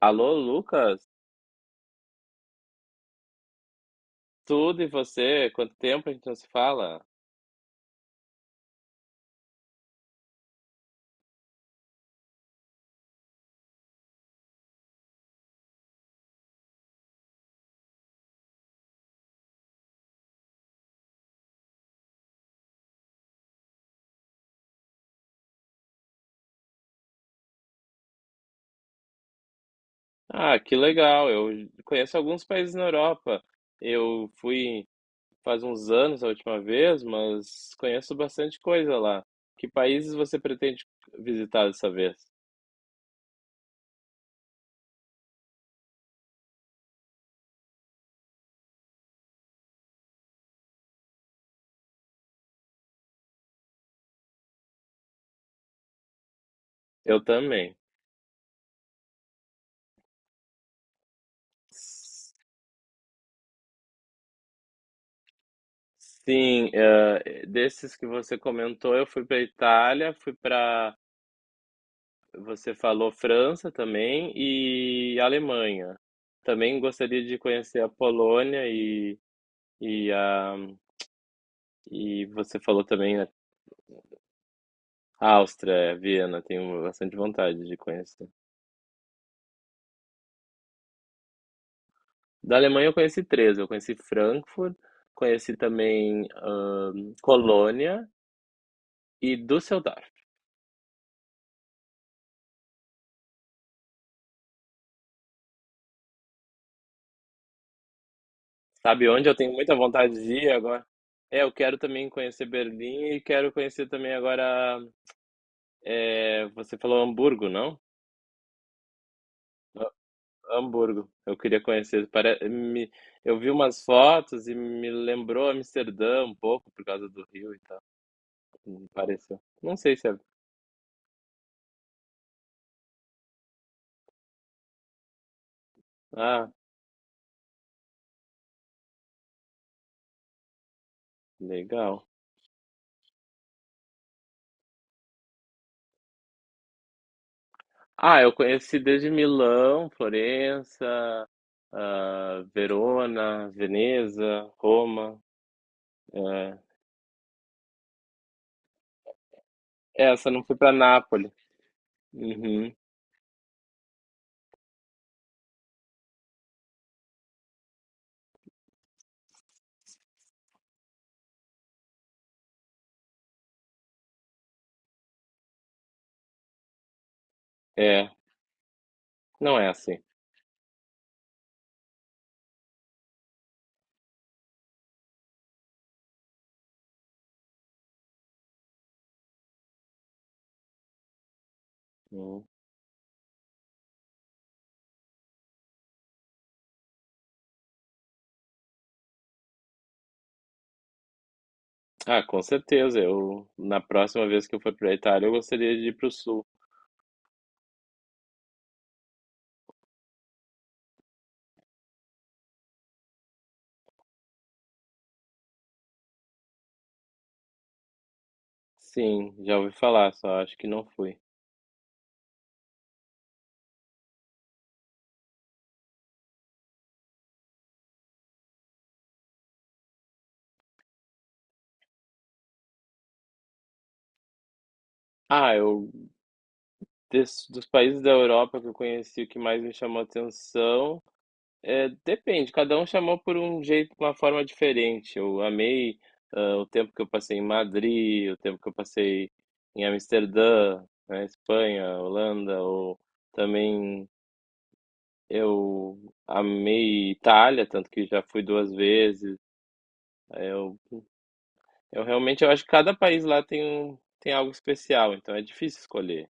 Alô, Lucas, tudo e você? Quanto tempo a gente não se fala? Ah, que legal. Eu conheço alguns países na Europa. Eu fui faz uns anos a última vez, mas conheço bastante coisa lá. Que países você pretende visitar dessa vez? Eu também. S- Sim, desses que você comentou, eu fui para Itália, fui para Você falou França também e Alemanha. Também gostaria de conhecer a Polônia e, a, e você falou também, né, a Áustria, é, Viena, tenho bastante vontade de conhecer. Da Alemanha eu conheci três, eu conheci Frankfurt, conheci também Colônia e Düsseldorf. Sabe onde eu tenho muita vontade de ir agora? É, eu quero também conhecer Berlim e quero conhecer também agora, é, você falou Hamburgo, não? Hamburgo. Eu queria conhecer. Eu vi umas fotos e me lembrou Amsterdã um pouco por causa do rio e tal. Me pareceu. Não sei se é. Ah, legal. Ah, eu conheci desde Milão, Florença, ah, Verona, Veneza, Roma. eh, Essa não fui para Nápoles. Uhum. É, não é assim. Uhum. Ah, com certeza. Eu na próxima vez que eu for para Itália, eu gostaria de ir para o sul. Sim, já ouvi falar, só acho que não fui. Ah, eu dos países da Europa que eu conheci, o que mais me chamou atenção é, depende, cada um chamou por um jeito, uma forma diferente. Eu amei, ah, o tempo que eu passei em Madrid, o tempo que eu passei em Amsterdã, na Espanha, Holanda, ou também eu amei Itália, tanto que já fui duas vezes. Eu, eu realmente eu acho que cada país lá tem um, tem algo especial, então é difícil escolher.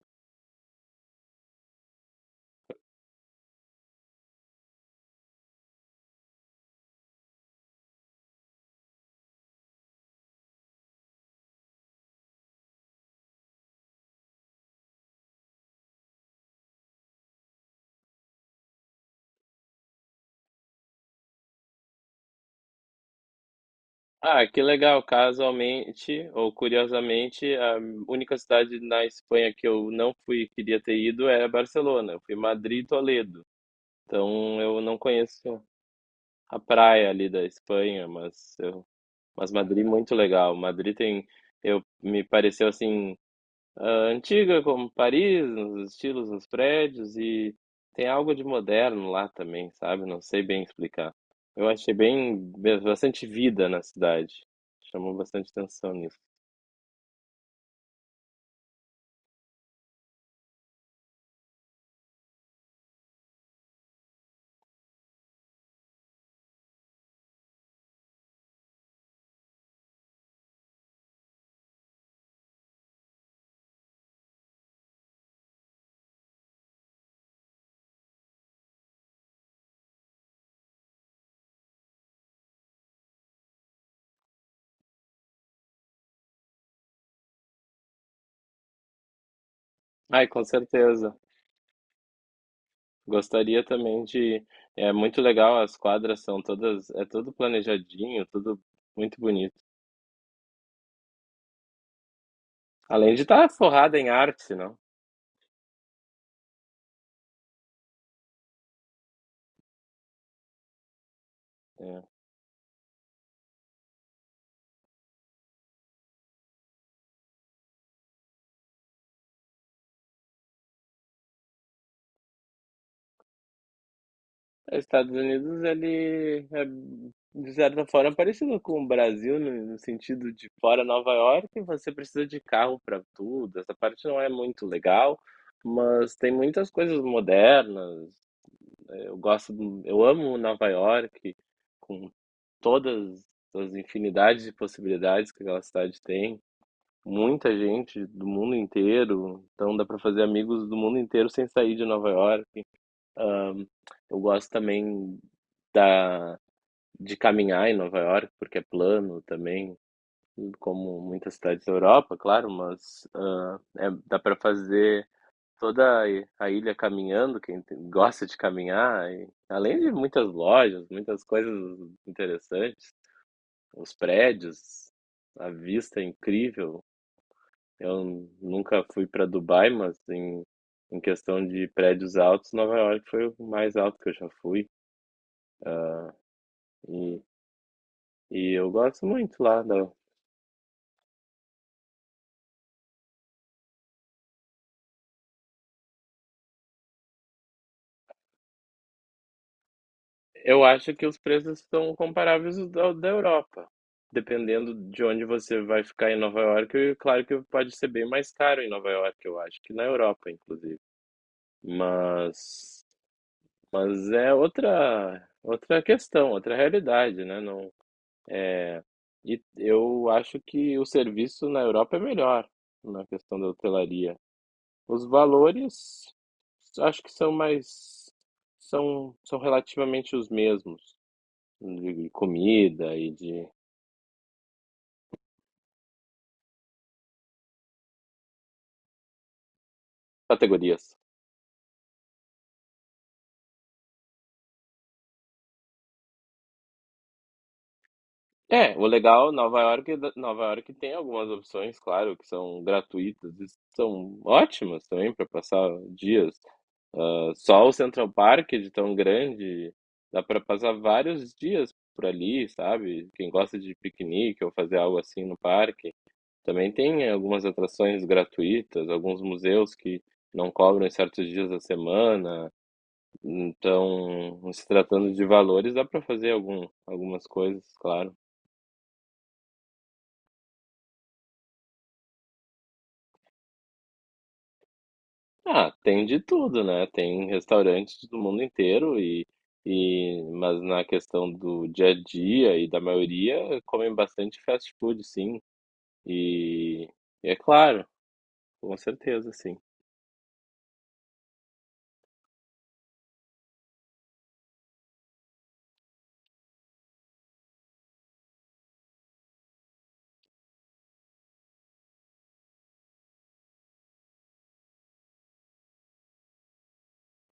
Ah, que legal. Casualmente ou curiosamente, a única cidade na Espanha que eu não fui e queria ter ido é Barcelona. Eu fui Madrid e Toledo. Então eu não conheço a praia ali da Espanha, mas eu, mas Madrid é muito legal. Madrid tem, eu me pareceu assim, ah, antiga como Paris, nos estilos, nos prédios e tem algo de moderno lá também, sabe? Não sei bem explicar. Eu achei bem, bastante vida na cidade. Chamou bastante atenção nisso. Ai, com certeza. Gostaria também de. É muito legal, as quadras são todas. É tudo planejadinho, tudo muito bonito. Além de estar forrada em arte, não? É. Os Estados Unidos, ele é, de certa forma, parecido com o Brasil, no sentido de fora Nova York, você precisa de carro para tudo. Essa parte não é muito legal, mas tem muitas coisas modernas. Né, eu gosto, eu amo Nova York, com todas as infinidades de possibilidades que aquela cidade tem. Muita gente do mundo inteiro, então dá para fazer amigos do mundo inteiro sem sair de Nova York. Eu gosto também da, de caminhar em Nova York, porque é plano também, como muitas cidades da Europa, claro, mas, ah, dá para fazer toda a a ilha caminhando, quem gosta de caminhar, e além de muitas lojas, muitas coisas interessantes, os prédios, a vista é incrível. Eu nunca fui para Dubai, mas em, em questão de prédios altos, Nova York foi o mais alto que eu já fui. E eu gosto muito lá da. Eu acho que os preços estão comparáveis ao da Europa. Dependendo de onde você vai ficar em Nova York, e claro que pode ser bem mais caro em Nova York, eu acho, que na Europa, inclusive. Mas, mas é outra, outra questão, outra realidade, né? Não, é, e eu acho que o serviço na Europa é melhor na questão da hotelaria. Os valores acho que são mais, são relativamente os mesmos de comida e de categorias. É, o legal, Nova York, Nova York tem algumas opções, claro, que são gratuitas e são ótimas também para passar dias. Ah, só o Central Park, de tão grande, dá para passar vários dias por ali, sabe? Quem gosta de piquenique ou fazer algo assim no parque. Também tem, algumas atrações gratuitas, alguns museus que não cobram em certos dias da semana. Então, se tratando de valores, dá para fazer algum, algumas coisas, claro. Ah, tem de tudo, né? Tem restaurantes do mundo inteiro e mas na questão do dia a dia e da maioria comem bastante fast food, sim. E, e é claro, com certeza, sim.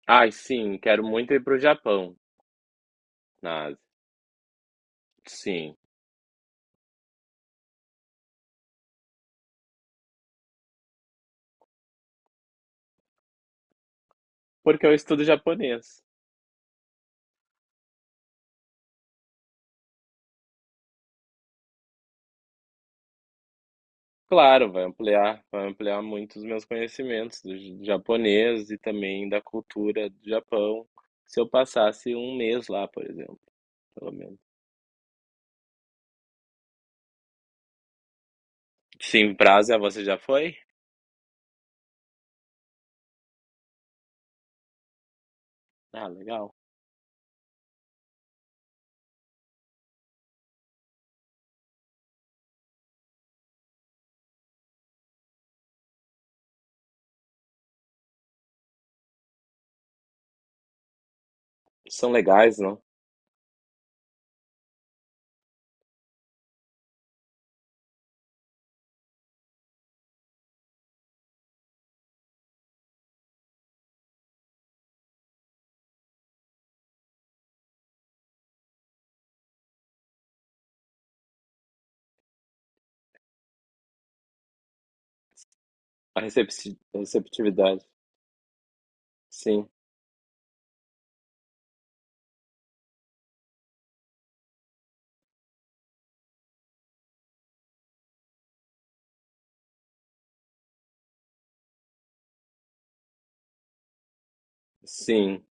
Ai, sim, quero muito ir pro Japão, na Ásia. Sim. Porque eu estudo japonês. Claro, vai ampliar muito os meus conhecimentos do japonês e também da cultura do Japão, se eu passasse um mês lá, por exemplo, pelo menos. Sim, Brasa, você já foi? Ah, legal. São legais, não? A receptividade. Sim, sim.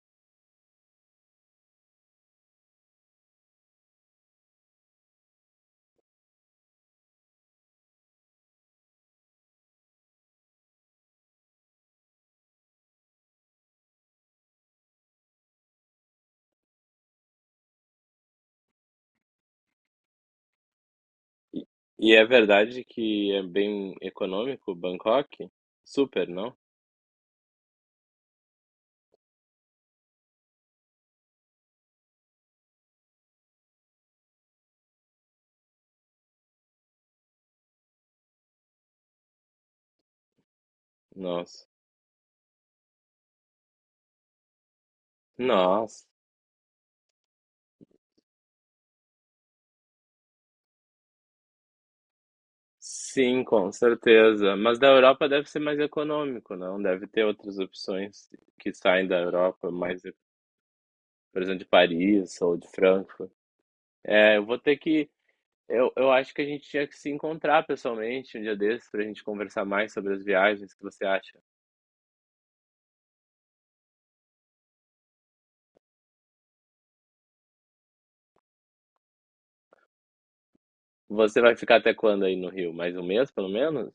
E, e é verdade que é bem econômico Bangkok? Super, não? Nossa. Nossa. Sim, com certeza. Mas da Europa deve ser mais econômico, não? Deve ter outras opções que saem da Europa, mais, por exemplo, de Paris ou de Frankfurt. É, eu vou ter que. Eu acho que a gente tinha que se encontrar pessoalmente um dia desses para a gente conversar mais sobre as viagens. O que você acha? Você vai ficar até quando aí no Rio? Mais um mês, pelo menos?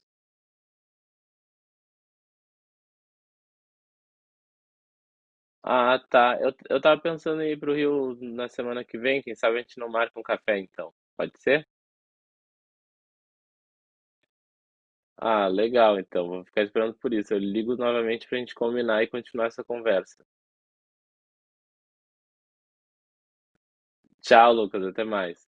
Ah, tá. Eu tava pensando em ir pro Rio na semana que vem. Quem sabe a gente não marca um café então. Pode ser? Ah, legal, então. Vou ficar esperando por isso. Eu ligo novamente pra gente combinar e continuar essa conversa. Tchau, Lucas. Até mais.